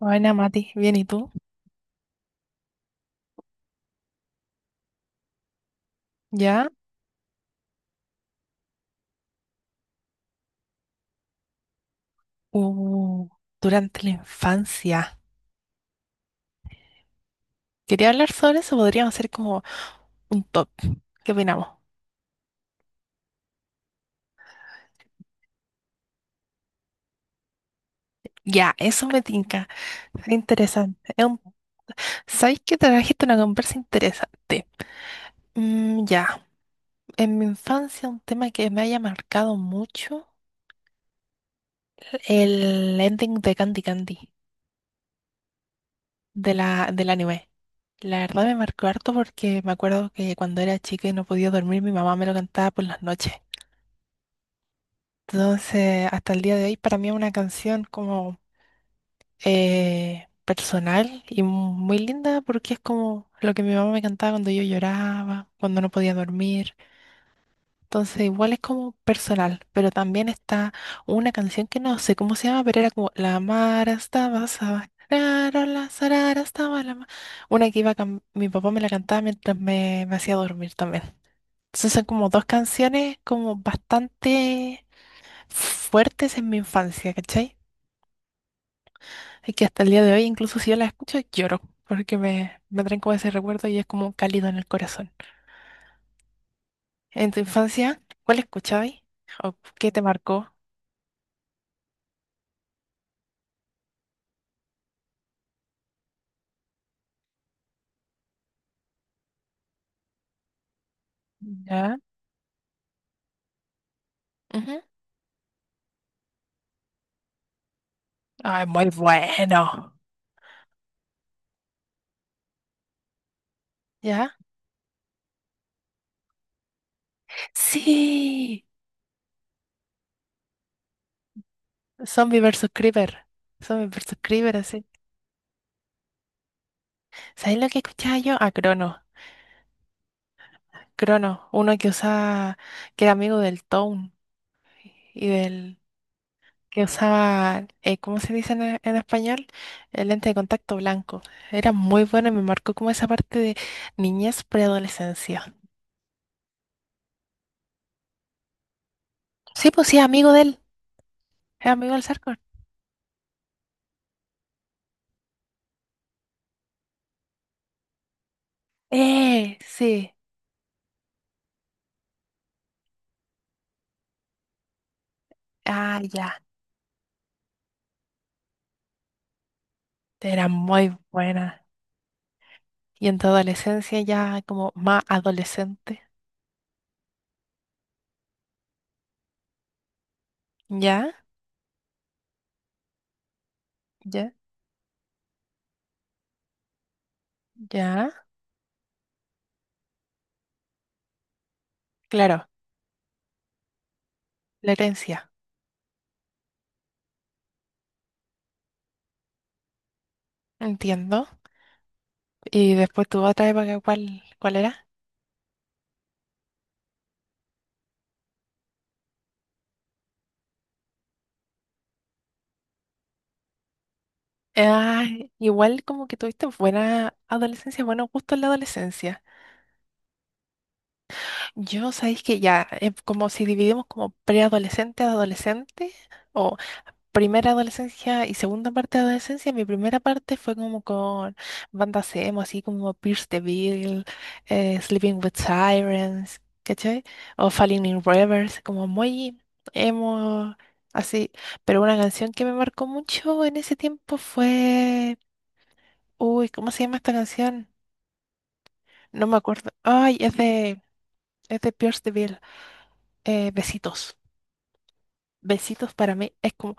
Buena, Mati. Bien, ¿y tú? ¿Ya? Uh, durante la infancia. Quería hablar sobre eso, podríamos hacer como un top. ¿Qué opinamos? Ya, eso me tinca. Es interesante. ¿Sabéis que trajiste una conversa interesante? Ya, en mi infancia un tema que me haya marcado mucho, el ending de Candy Candy, de del anime. La verdad me marcó harto porque me acuerdo que cuando era chica y no podía dormir, mi mamá me lo cantaba por las noches. Entonces, hasta el día de hoy, para mí es una canción como personal y muy linda porque es como lo que mi mamá me cantaba cuando yo lloraba, cuando no podía dormir. Entonces, igual es como personal, pero también está una canción que no sé cómo se llama, pero era como "La Mara estaba saba- rarola, sarara estaba la ma-". Una que iba mi papá me la cantaba mientras me hacía dormir también. Entonces, son como dos canciones como bastante fuertes en mi infancia, ¿cachai? Y que hasta el día de hoy, incluso si yo las escucho, lloro, porque me traen como ese recuerdo y es como cálido en el corazón. En tu infancia, ¿cuál escuchabas? ¿O qué te marcó? ¿Ya? Ujú. Ay, muy bueno. ¿Ya? Sí. Zombie versus Creeper. Zombie versus Creeper, así. ¿Sabes lo que escuchaba yo? A Crono. Crono, uno que usaba, que era amigo del Tone y del... que usaba, ¿cómo se dice en español? El lente de contacto blanco. Era muy bueno y me marcó como esa parte de niñez preadolescencia. Sí, pues sí, amigo de él, es amigo del Sarkor. Sí, ah, ya, era muy buena. Y en tu adolescencia ya como más adolescente. Ya, ya, ya. Claro, la herencia, entiendo. Y después tu otra época, cuál era? Ah, igual como que tuviste buena adolescencia, buenos gustos en la adolescencia. Yo sabéis que ya, es como si dividimos como preadolescente, adolescente, o primera adolescencia y segunda parte de adolescencia, mi primera parte fue como con bandas emo, así como Pierce the Veil, Sleeping with Sirens, ¿cachai? O Falling in Reverse, como muy emo, así. Pero una canción que me marcó mucho en ese tiempo fue... Uy, ¿cómo se llama esta canción? No me acuerdo. Ay, es de Pierce the Veil. Besitos. Besitos para mí es como,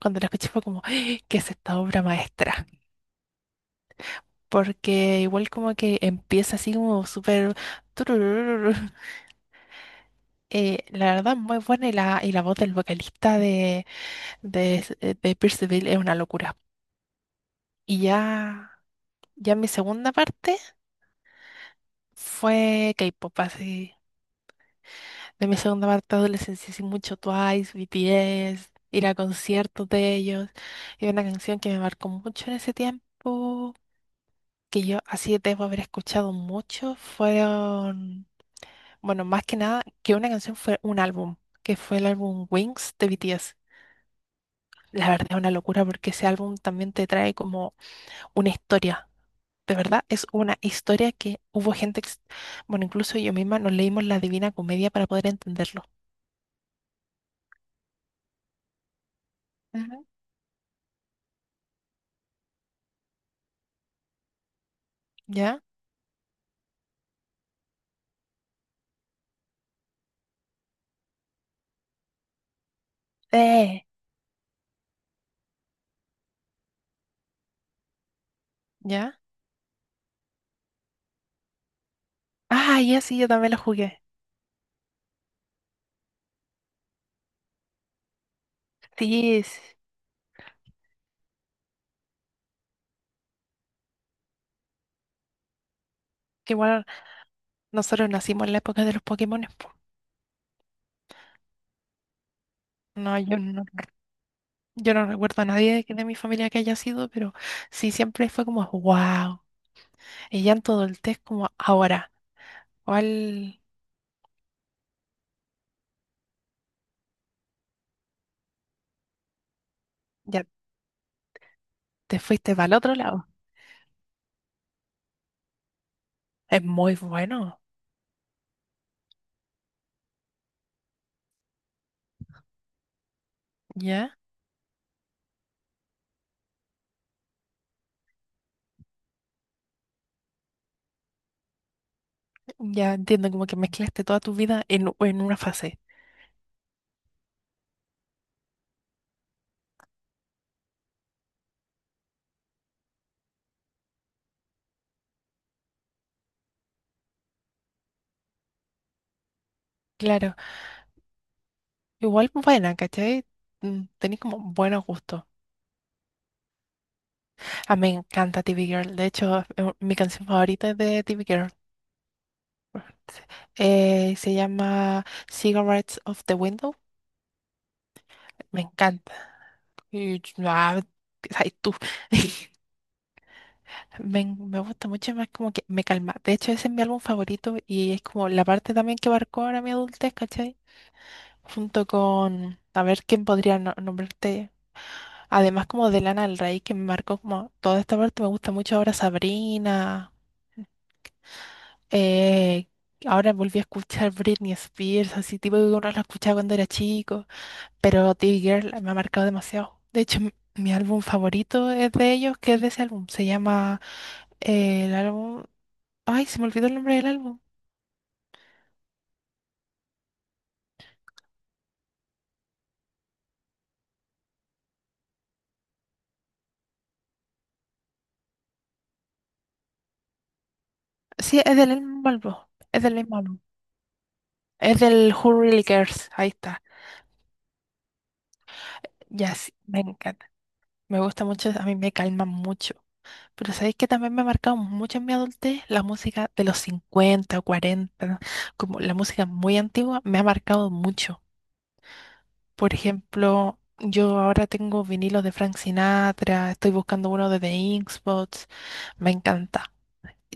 cuando la escuché fue como, "Ay, ¿qué es esta obra maestra?". Porque igual como que empieza así como súper... tururururu. La verdad, muy buena y y la voz del vocalista de, de Pierce the Veil es una locura. Y ya, ya mi segunda parte fue K-pop, así. De mi segunda parte de adolescencia, sí, mucho Twice, BTS, ir a conciertos de ellos. Y una canción que me marcó mucho en ese tiempo, que yo así debo haber escuchado mucho, fueron, bueno, más que nada, que una canción fue un álbum, que fue el álbum Wings de BTS. La verdad es una locura porque ese álbum también te trae como una historia. De verdad, es una historia que hubo gente, bueno, incluso yo misma nos leímos la Divina Comedia para poder entenderlo. Ujú. ¿Ya? Sí. ¿Ya? Ah, ya sí, yo también lo jugué. Sí, es que igual nosotros nacimos en la época de los Pokémones, po. No, yo no, yo no recuerdo a nadie que de mi familia que haya sido, pero sí, siempre fue como, wow. Y ya en todo el test como ahora, ¿cuál? Ya te fuiste para el otro lado. Es muy bueno, ¿ya? Ya entiendo como que mezclaste toda tu vida en una fase. Claro, igual buena, ¿cachai? Mm, tenés como buenos gustos. Ah, me encanta TV Girl. De hecho, mi canción favorita es de TV Girl. Se llama Cigarettes of the Window. Me encanta. Y, ay, tú. Me gusta mucho más como que me calma. De hecho, ese es mi álbum favorito y es como la parte también que marcó ahora mi adultez, ¿cachai? Junto con, a ver, ¿quién podría nombrarte? Además como de Lana del Rey, que me marcó como toda esta parte, me gusta mucho ahora Sabrina. Eh, ahora volví a escuchar Britney Spears, así tipo que uno la escuchaba cuando era chico, pero The Girl me ha marcado demasiado. De hecho, mi álbum favorito es de ellos, que es de ese álbum. Se llama el álbum... Ay, se me olvidó el nombre del álbum. Sí, es del mismo álbum. Es del mismo álbum. Es del Who Really Cares. Ahí está. Ya, sí, me encanta. Me gusta mucho, a mí me calma mucho. Pero sabéis que también me ha marcado mucho en mi adultez la música de los 50 o 40, como la música muy antigua, me ha marcado mucho. Por ejemplo, yo ahora tengo vinilos de Frank Sinatra, estoy buscando uno de The Ink Spots, me encanta.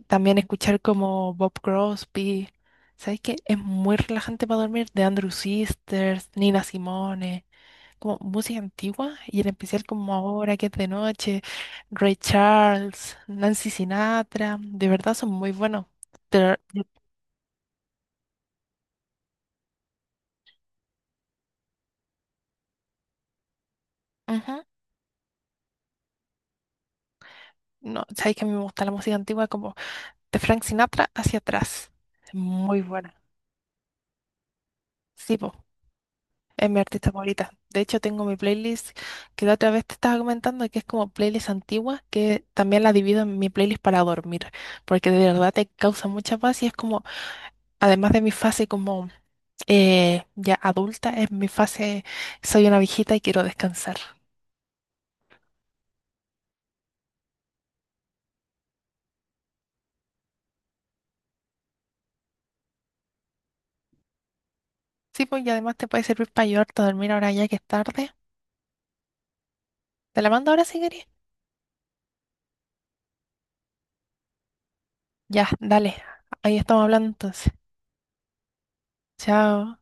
También escuchar como Bob Crosby, sabéis que es muy relajante para dormir, de Andrew Sisters, Nina Simone, como música antigua y en especial como ahora que es de noche, Ray Charles, Nancy Sinatra, de verdad son muy buenos. Pero, yo- ujú, no, sabéis que a mí me gusta la música antigua como de Frank Sinatra hacia atrás. Muy buena. Sí, po, es mi artista favorita. De hecho, tengo mi playlist que la otra vez te estaba comentando que es como playlist antigua, que también la divido en mi playlist para dormir, porque de verdad te causa mucha paz y es como, además de mi fase como ya adulta, es mi fase, soy una viejita y quiero descansar. Sí, pues y además te puede servir para ayudarte a dormir ahora ya que es tarde. ¿Te la mando ahora si querés? Ya, dale. Ahí estamos hablando entonces. Chao.